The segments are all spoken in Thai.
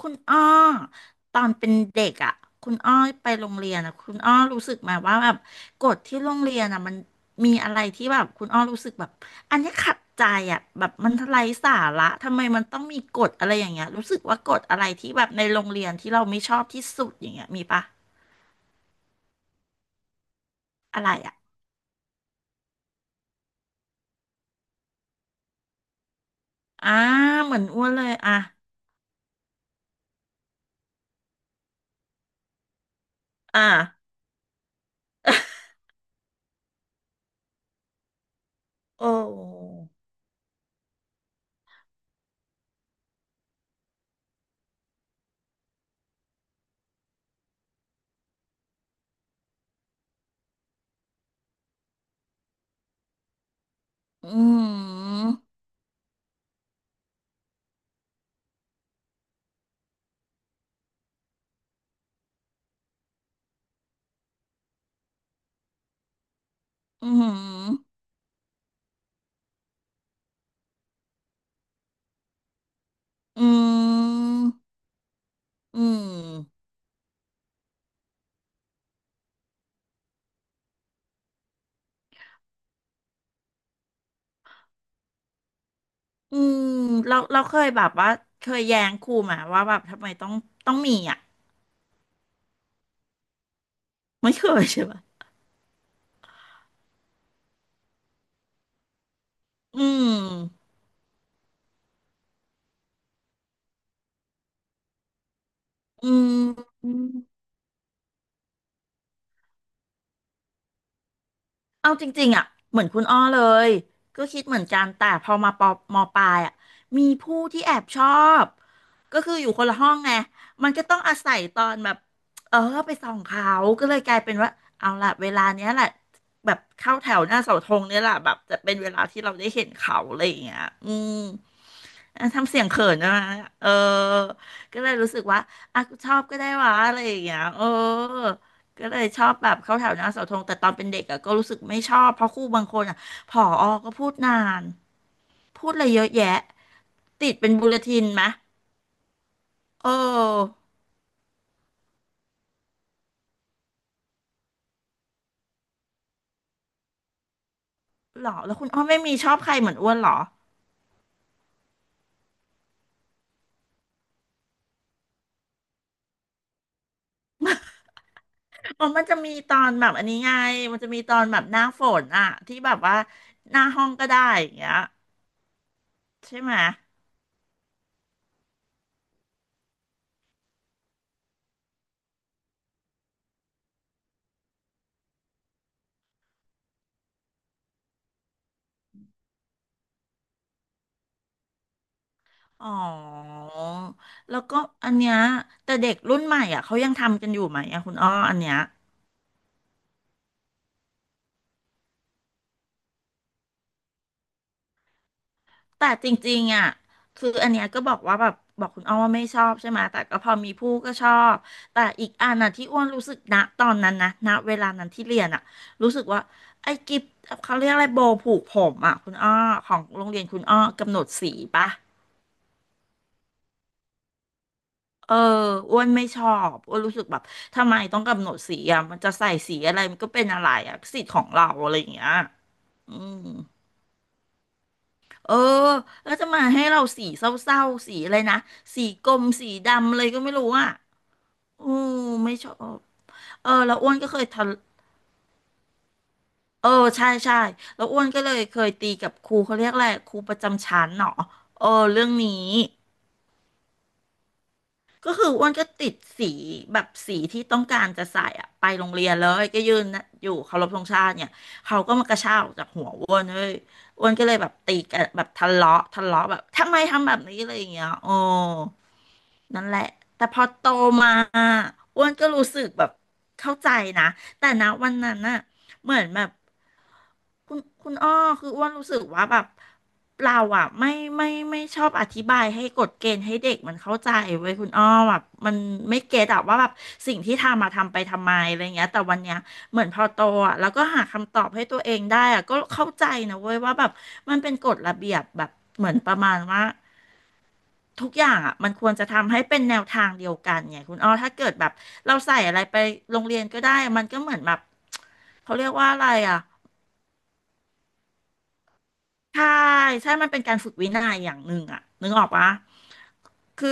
คุณอ้อตอนเป็นเด็กอ่ะคุณอ้อไปโรงเรียนอ่ะคุณอ้อรู้สึกไหมว่าแบบกฎที่โรงเรียนอ่ะมันมีอะไรที่แบบคุณอ้อรู้สึกแบบอันนี้ขัดใจอ่ะแบบมันไร้สาระทำไมมันต้องมีกฎอะไรอย่างเงี้ยรู้สึกว่ากฎอะไรที่แบบในโรงเรียนที่เราไม่ชอบที่สุดอย่างเงี้ยมีปะอะไรอ่ะอ่าเหมือนอ้วนเลยอ่ะอ่า โอ้อืมอืมอืมอืม อืมเราเคยแบบว่าเคยแย้งครูมาว่าแบบทำไมต้องมีอ่ะไม่เคยใช่ปะอืมอืมอืมเอาจริงๆอ่ะเหมือนคุณอ้อเลยก็คิดเหมือนกันแต่พอมาปอมอปลายอ่ะมีผู้ที่แอบชอบก็คืออยู่คนละห้องไงมันก็ต้องอาศัยตอนแบบเออไปส่องเขาก็เลยกลายเป็นว่าเอาล่ะเวลาเนี้ยแหละแบบเข้าแถวหน้าเสาธงเนี่ยแหละแบบจะเป็นเวลาที่เราได้เห็นเขาอะไรอย่างเงี้ยอืม อ่ะทำเสียงเขินนะเออ ก็เลยรู้สึกว่าอ่ะชอบก็ได้วะอะไรอย่างเงี้ยเออ ก็เลยชอบแบบเข้าแถวหน้าเสาธงแต่ตอนเป็นเด็กอะก็รู้สึกไม่ชอบ เพราะครูบางคนอะผอก็พูดนาน พูดอะไรเยอะแยะ ติดเป็นบูเลตินไหมเออหรอแล้วคุณอ้อไม่มีชอบใครเหมือนอ้วนหรออ๋อมันจะมีตอนแบบอันนี้ไงมันจะมีตอนแบบหน้าฝนอะที่แบบว่าหน้าห้องก็ได้อย่างเงี้ยใช่ไหม อ๋อแล้วก็อันเนี้ยแต่เด็กรุ่นใหม่อ่ะเขายังทำกันอยู่ไหมอ่ะคุณอ้ออันเนี้ยแต่จริงๆอ่ะคืออันเนี้ยก็บอกว่าแบบบอกคุณอ้อว่าไม่ชอบใช่ไหมแต่ก็พอมีผู้ก็ชอบแต่อีกอันน่ะที่อ้วนรู้สึกณตอนนั้นนะณเวลานั้นที่เรียนอ่ะรู้สึกว่าไอ้กิฟต์เขาเรียกอะไรโบว์ผูกผมอ่ะคุณอ้อของโรงเรียนคุณอ้อกำหนดสีปะ เอออ้วนไม่ชอบอ้วนรู้สึกแบบทำไมต้องกำหนดสีอ่ะ มันจะใส่สีอะไรมันก็เป็นอะไรอ่ะสิทธิ์ของเราอะไรอย่างเงี้ยอืมเออแล้วจะมาให้เราสีเศร้าๆ สีอะไรนะสีกรมสีดำเลยก็ไม่รู้อ่ะอืมไม่ชอบ เออแล้วอ้วนก็เคยทะเออใช่ใช่แล้วอ้วนก็เลยเคยตีกับครูเขาเรียกอะไรครูประจำชั้นเนาะเออเรื่องนี้ ก็คืออ้วนก็ติดสีแบบสีที่ต้องการจะใส่อะไปโรงเรียนเลยก็ยืนนะอยู่เคารพธงชาติเนี่ยเขาก็มากระชากออกจากหัวอ้วนเว้ยอ้วนก็เลยแบบตีกันแบบทะเลาะแบบทำไมทำแบบนี้อะไรอย่างเงี้ยโอ้นั่นแหละแต่พอโตมาอ้วนก็รู้สึกแบบเข้าใจนะแต่นะวันนั้นน่ะเหมือนแบบคุณอ้อคืออ้วนรู้สึกว่าแบบ เราอ่ะไม่ชอบอธิบายให้กฎเกณฑ์ให้เด็กมันเข้าใจเว้ยคุณอ้อแบบมันไม่เก็ตอะว่าแบบสิ่งที่ทำมาทำไปทำไมอะไรเงี้ยแต่วันเนี้ยเหมือนพอโตอ่ะแล้วก็หาคำตอบให้ตัวเองได้อ่ะก็เข้าใจนะเว้ยว่าแบบมันเป็นกฎระเบียบแบบเหมือนประมาณว่าทุกอย่างอ่ะมันควรจะทำให้เป็นแนวทางเดียวกันไงคุณอ้อถ้าเกิดแบบเราใส่อะไรไปโรงเรียนก็ได้มันก็เหมือนแบบเขาเรียกว่าอะไรอ่ะ ใช่ใช่มันเป็นการฝึกวินัยอย่างหนึ่งอะนึกออกปะคือ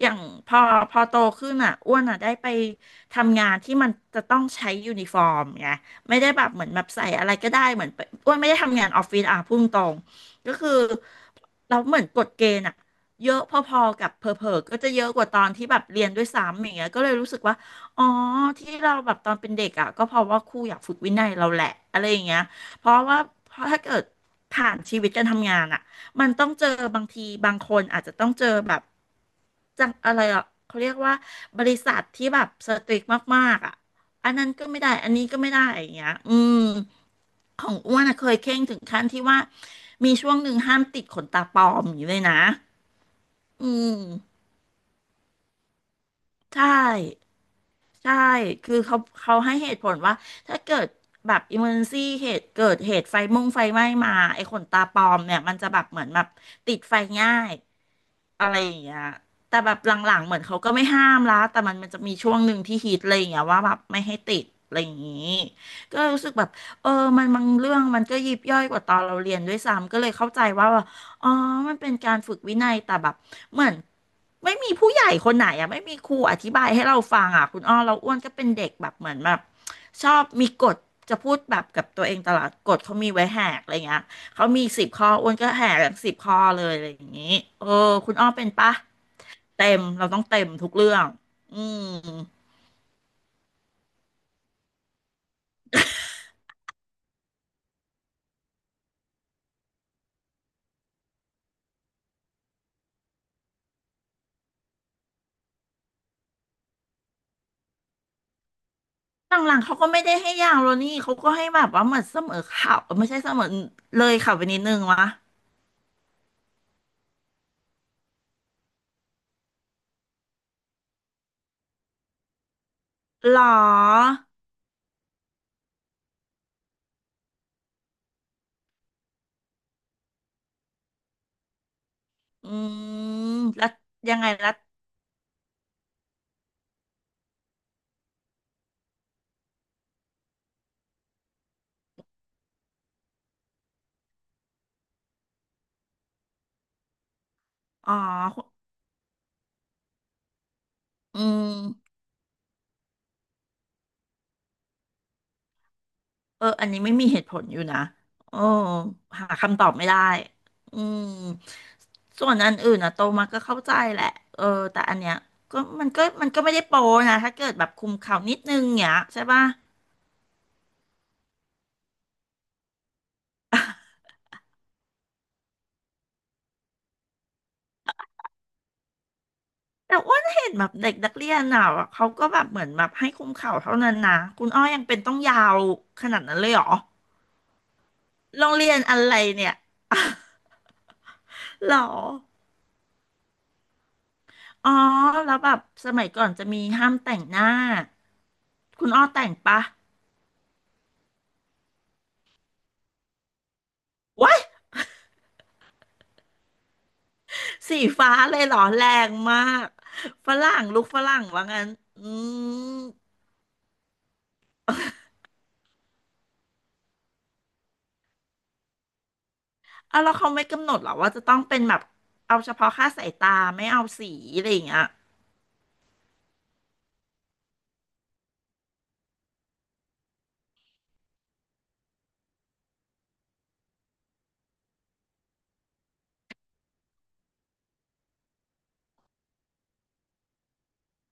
อย่างพอโตขึ้นอะอ้วนอะได้ไปทำงานที่มันจะต้องใช้ยูนิฟอร์มไงไม่ได้แบบเหมือนแบบใส่อะไรก็ได้เหมือนไปอ้วนไม่ได้ทำงานออฟฟิศอะพุ่งตรงๆก็คือเราเหมือนกฎเกณฑ์อะเยอะพอๆกับเผลอๆก็จะเยอะกว่าตอนที่แบบเรียนด้วยซ้ำอย่างเงี้ยก็เลยรู้สึกว่าอ๋อที่เราแบบตอนเป็นเด็กอ่ะก็เพราะว่าครูอยากฝึกวินัยเราแหละอะไรอย่างเงี้ย เพราะว่าเพราะถ้าเกิดผ่านชีวิตการทำงานอะมันต้องเจอบางทีบางคนอาจจะต้องเจอแบบจังอะไรอ่ะเขาเรียกว่าบริษัทที่แบบสตริกมากๆอ่ะอันนั้นก็ไม่ได้อันนี้ก็ไม่ได้อย่างเงี้ยอืมของอ้วนอะเคยเคร่งถึงขั้นที่ว่ามีช่วงหนึ่งห้ามติดขนตาปลอมอย่างนี้เลยนะอืมใช่ ใช่ คือเขาให้เหตุผลว่าถ้าเกิดแบบอิมเมอร์ซี่เหตุเกิดเหตุไฟมงไฟไหม้มาไอ้ขนตาปลอมเนี่ยมันจะแบบเหมือนแบบติดไฟง่าย อะไรอย่างเงี้ยแต่แบบหลังๆเหมือนเขาก็ไม่ห้ามละแต่มันจะมีช่วงหนึ่งที่ฮิตอะไรอย่างเงี้ยว่าแบบไม่ให้ติดอะไรอย่างงี้ก็รู้สึกแบบเออมันบางเรื่องมันก็ยิบย่อยกว่าตอนเราเรียนด้วยซ้ำก็เลยเข้าใจว่าแบบอ๋อมันเป็นการฝึกวินัย แต่แบบเหมือนไม่มีผู้ใหญ่คนไหนอะไม่มีครูอธิบายให้เราฟังอะคุณอ้อเราอ้วนก็เป็นเด็กแบบเหมือนแบบชอบมีกฎจะพูดแบบกับตัวเองตลอดกฎเขามีไว้แหกอะไรเงี้ย เขามี10 ข้ออ้วนก็แห่แบบสิบข้อเลยอะไรอย่างนี้ เออคุณอ้อเป็นปะเต็มเราต้องเต็มทุกเรื่อง อืมหลังๆเขาก็ไม่ได้ให้ยาวแล้วนี่เขาก็ให้แบบว่าเหมือนเสมอเข่าวไม่ใช่เสมอเลยเข่าวไปนิดนึงวะหรออืมแล้วยังไงแล้วอ๋ออืม เอออันนี้ไม่มีเหตุผลอยู่นะเออหาคำตอบไม่ได้อืมส่วนอันอื่นนะโตมาก็เข้าใจแหละเออแต่อันเนี้ยก็มันก็ไม่ได้โปนะถ้าเกิดแบบคุมเข่าวนิดนึงเนี้ยใช่ป่ะแต่อ้วนเห็นแบบเด็กนักเรียนอ่ะเขาก็แบบเหมือนแบบให้คุมเข่าเท่านั้นนะคุณอ้อยังเป็นต้องยาวขนาดนั้นเลยเหรอโรงเรียนอะไรเนี่ย หรออ๋อแล้วแบบสมัยก่อนจะมีห้ามแต่งหน้า คุณอ้อแต่งปะ What? สีฟ้าเลยเหรอแรงมากฝรั่งลูกฝรั่งว่างั้น อืมเอาแล้วเขาไม่กำหนดเหรอว่าจะต้องเป็นแบบเอาเฉพาะค่าสายตาไม่เอาสีอะไรอย่างเงี้ย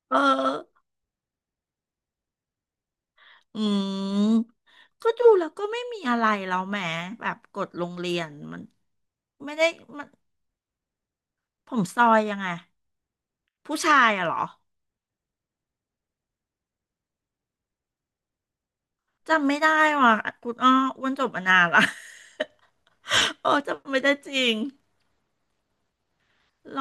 เออ อืมก็ดูแล้วก็ไม่มีอะไรแล้วแหมแบบกฎโรงเรียนมันไม่ได้มันผมซอยยังไงผู้ชายอะเหรอจำไม่ได้ว่ะคุณอ้ออ้วนจบมานานละ โอ้จำไม่ได้จริงหรอ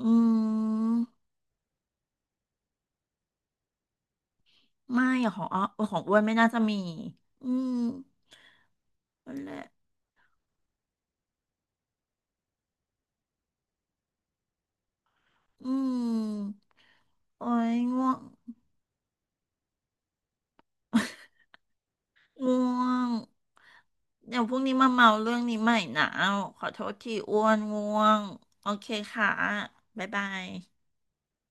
อืม ไม่อะของอ้อของอ้วนไม่น่าจะมี อืมนั่นแหละอืมโอ้ยง่วงง่วง เดี๋ยวพรุ่งนี้มาเมาเรื่องนี้ใหม่นะขอโทษทีอ้วนง่วงโอเคค่ะบ๊ายบาย